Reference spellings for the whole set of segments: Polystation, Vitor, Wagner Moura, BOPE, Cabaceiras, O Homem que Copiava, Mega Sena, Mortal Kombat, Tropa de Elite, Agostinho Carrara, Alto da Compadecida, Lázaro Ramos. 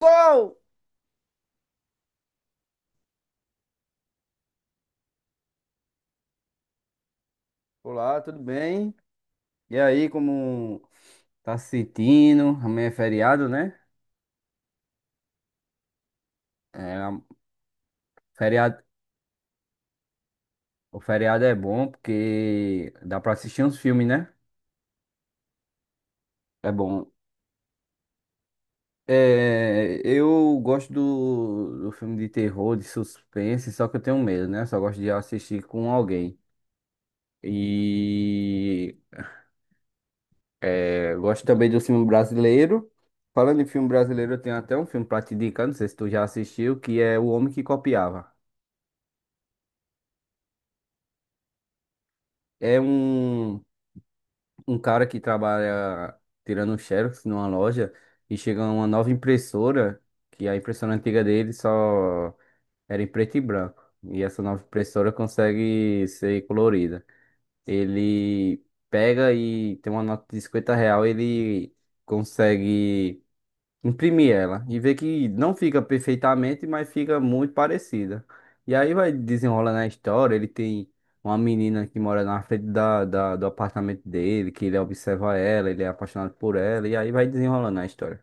Uou! Olá, tudo bem? E aí, como tá se sentindo? Amanhã é feriado, né? É, feriado, o feriado é bom porque dá pra assistir uns filmes, né? É bom. É, eu gosto do filme de terror, de suspense, só que eu tenho medo, né? Só gosto de assistir com alguém. E eu gosto também do filme brasileiro. Falando em filme brasileiro, eu tenho até um filme pra te indicar, não sei se tu já assistiu, que é O Homem que Copiava. É um cara que trabalha tirando um xerox numa loja e chega uma nova impressora, que a impressora antiga dele só era em preto e branco. E essa nova impressora consegue ser colorida. Ele pega e tem uma nota de 50 real, ele consegue imprimir ela e ver que não fica perfeitamente, mas fica muito parecida. E aí vai desenrolando a história. Ele tem uma menina que mora na frente do apartamento dele, que ele observa ela, ele é apaixonado por ela, e aí vai desenrolando a história.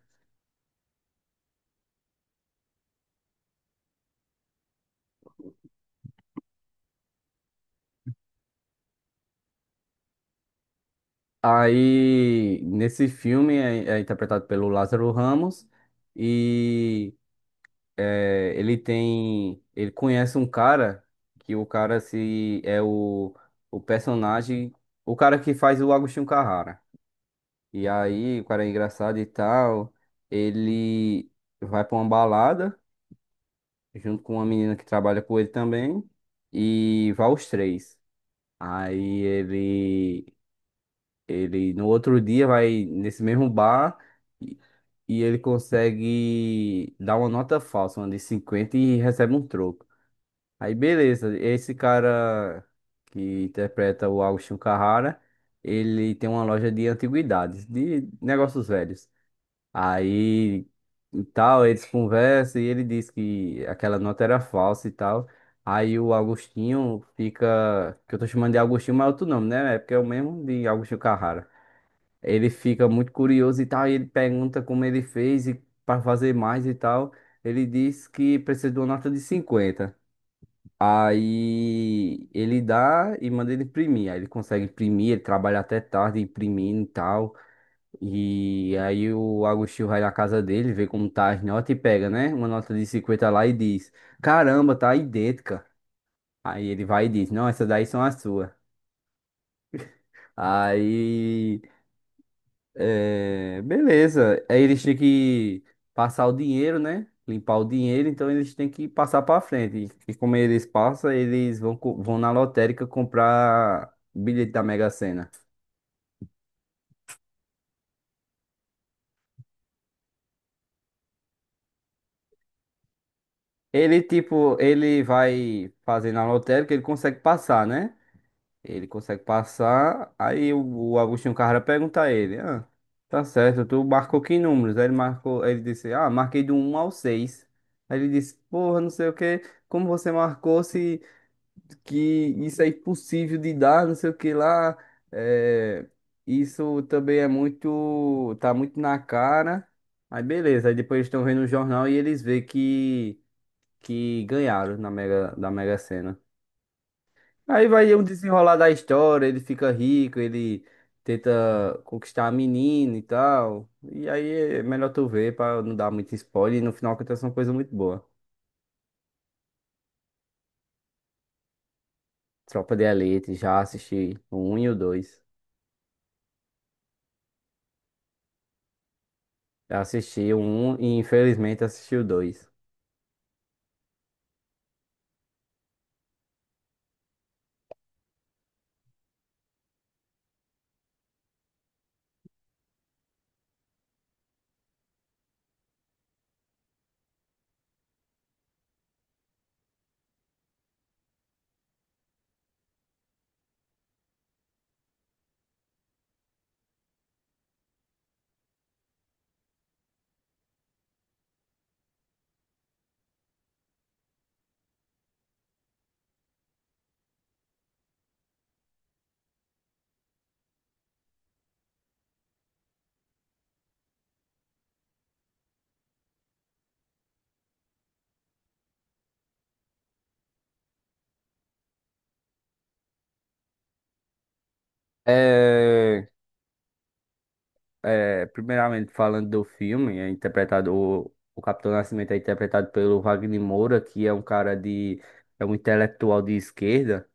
Aí, nesse filme, é interpretado pelo Lázaro Ramos e ele conhece um cara que o cara se é o personagem, o cara que faz o Agostinho Carrara. E aí, o cara é engraçado e tal. Ele vai pra uma balada junto com uma menina que trabalha com ele também. E vai os três. Aí ele no outro dia vai nesse mesmo bar e, e ele consegue dar uma nota falsa, uma de 50 e recebe um troco. Aí beleza, esse cara que interpreta o Agostinho Carrara, ele tem uma loja de antiguidades, de negócios velhos. Aí e tal, eles conversam e ele diz que aquela nota era falsa e tal. Aí o Agostinho fica, que eu tô chamando de Agostinho, mas é outro nome, né? É porque é o mesmo de Agostinho Carrara. Ele fica muito curioso e tal, e ele pergunta como ele fez e para fazer mais e tal. Ele diz que precisa de uma nota de cinquenta. Aí ele dá e manda ele imprimir. Aí ele consegue imprimir, ele trabalha até tarde imprimindo e tal. E aí o Agostinho vai na casa dele, vê como tá as notas e pega, né? Uma nota de 50 lá e diz: Caramba, tá idêntica. Aí ele vai e diz: Não, essas daí são as suas. Aí, beleza. Aí eles têm que passar o dinheiro, né? Limpar o dinheiro, então eles têm que passar pra frente. E como eles passam, eles vão na lotérica comprar bilhete da Mega Sena. Ele, tipo, ele vai fazer na lotérica, ele consegue passar, né? Ele consegue passar. Aí o Agostinho Carrara pergunta a ele: Ah, tá certo, tu marcou que números? Aí ele marcou, ele disse: Ah, marquei do um ao 6. Aí ele disse: Porra, não sei o que, como você marcou se que isso é impossível de dar, não sei o que lá. É, isso também é muito, tá muito na cara. Aí beleza, aí depois eles estão vendo o jornal e eles vê que ganharam da Mega Sena. Aí vai um desenrolar da história, ele fica rico, ele tenta conquistar a menina e tal. E aí é melhor tu ver pra não dar muito spoiler. E no final acontece uma coisa muito boa. Tropa de Elite, já assisti o 1 e o dois. Já assisti o 1 e infelizmente assisti o dois. É, é, primeiramente falando do filme, é interpretado, o Capitão Nascimento é interpretado pelo Wagner Moura, que é um cara é um intelectual de esquerda.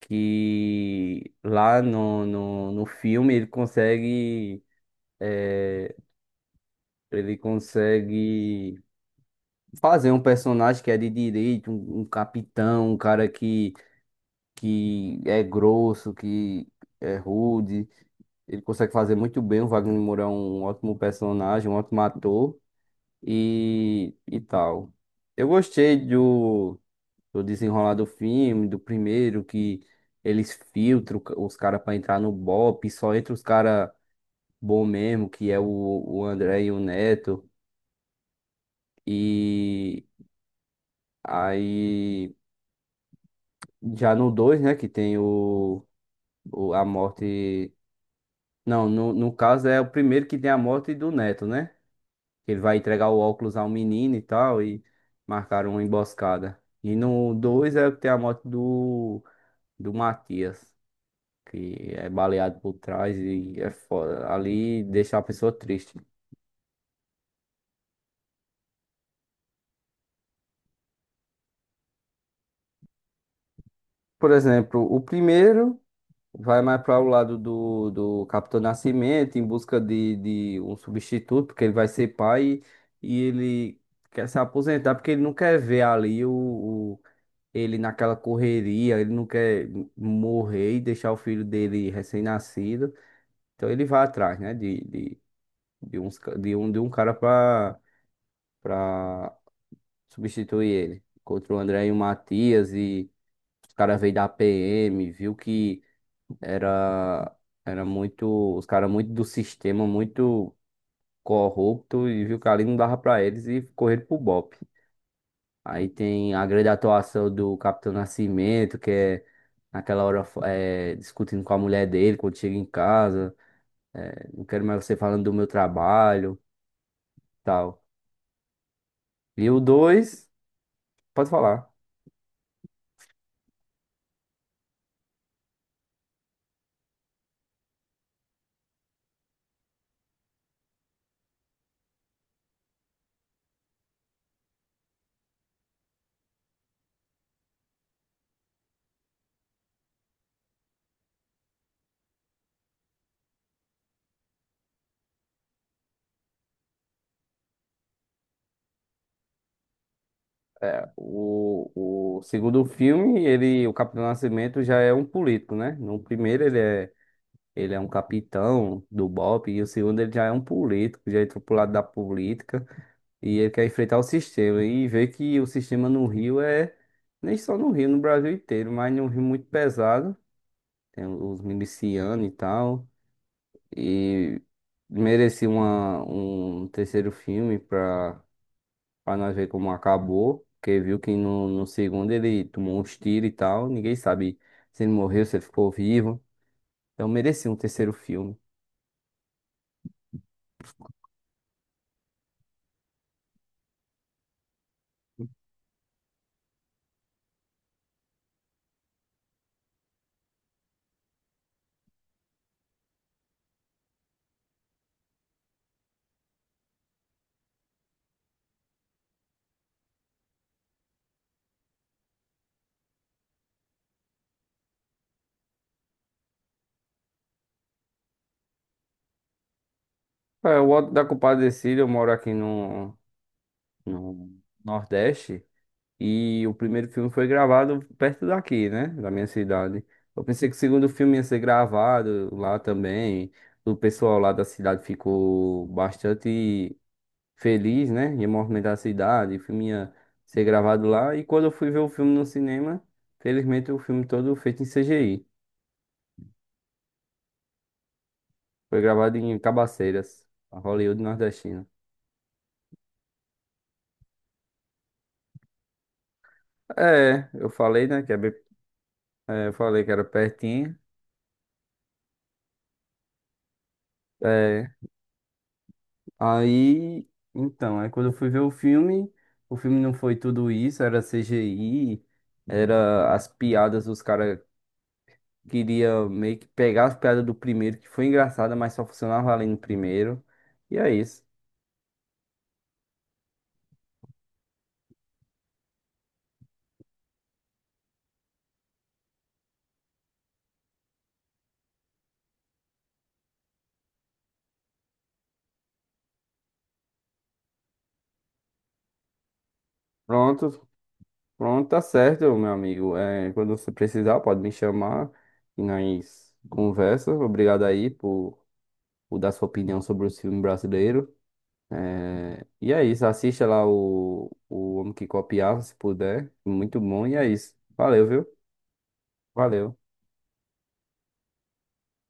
Que lá no filme ele consegue fazer um personagem que é de direito, um capitão, um cara que é grosso, que é rude. Ele consegue fazer muito bem. O Wagner Moura é um ótimo personagem, um ótimo ator e tal. Eu gostei do desenrolar do filme, do primeiro, que eles filtram os caras pra entrar no BOPE, só entra os caras bom mesmo, que é o André e o Neto. E aí, já no 2 né, que tem o, a morte. Não, no caso é o primeiro que tem a morte do Neto, né? Ele vai entregar o óculos ao menino e tal, e marcaram uma emboscada. E no 2 é o que tem a morte do Matias, que é baleado por trás e é foda. Ali deixa a pessoa triste. Por exemplo, o primeiro. Vai mais para o lado do Capitão Nascimento em busca de um substituto, porque ele vai ser pai e ele quer se aposentar porque ele não quer ver ali o, ele naquela correria, ele não quer morrer e deixar o filho dele recém-nascido. Então ele vai atrás, né, de, uns, ca- de um cara para para substituir ele. Encontrou o André e o Matias e os caras veio da PM, viu que era, era muito, os caras muito do sistema, muito corrupto e viu que ali não dava pra eles e correram pro BOPE. Aí tem a grande atuação do Capitão Nascimento, que é naquela hora discutindo com a mulher dele quando chega em casa. É, não quero mais você falando do meu trabalho, tal. E o dois, pode falar. É, o segundo filme, ele, o Capitão Nascimento já é um político, né? No primeiro ele é. Ele é um capitão do BOPE e o segundo ele já é um político, já entrou pro lado da política e ele quer enfrentar o sistema e vê que o sistema no Rio é, nem só no Rio, no Brasil inteiro, mas num Rio muito pesado, tem os milicianos e tal, e merecia um terceiro filme pra nós ver como acabou, porque viu que no segundo ele tomou uns tiros e tal, ninguém sabe se ele morreu, se ele ficou vivo, então merecia um terceiro filme. É, o Alto da Compadecida, eu moro aqui no Nordeste e o primeiro filme foi gravado perto daqui, né? Da minha cidade. Eu pensei que o segundo filme ia ser gravado lá também. O pessoal lá da cidade ficou bastante feliz, né? Ia movimentar a cidade, o filme ia ser gravado lá. E quando eu fui ver o filme no cinema, felizmente o filme todo feito em CGI. Foi gravado em Cabaceiras, a Hollywood nordestina. É, eu falei, né, que é bem. É, eu falei que era pertinho. É, aí, então, aí quando eu fui ver o filme não foi tudo isso, era CGI, era as piadas, os caras queriam meio que pegar as piadas do primeiro, que foi engraçada, mas só funcionava ali no primeiro. E é isso. Pronto, pronto, tá certo, meu amigo. É, quando você precisar, pode me chamar e nós conversa. Obrigado aí por dar sua opinião sobre o filme brasileiro. E é isso, assista lá o Homem que Copiava, se puder. Muito bom, e é isso. Valeu, viu? Valeu.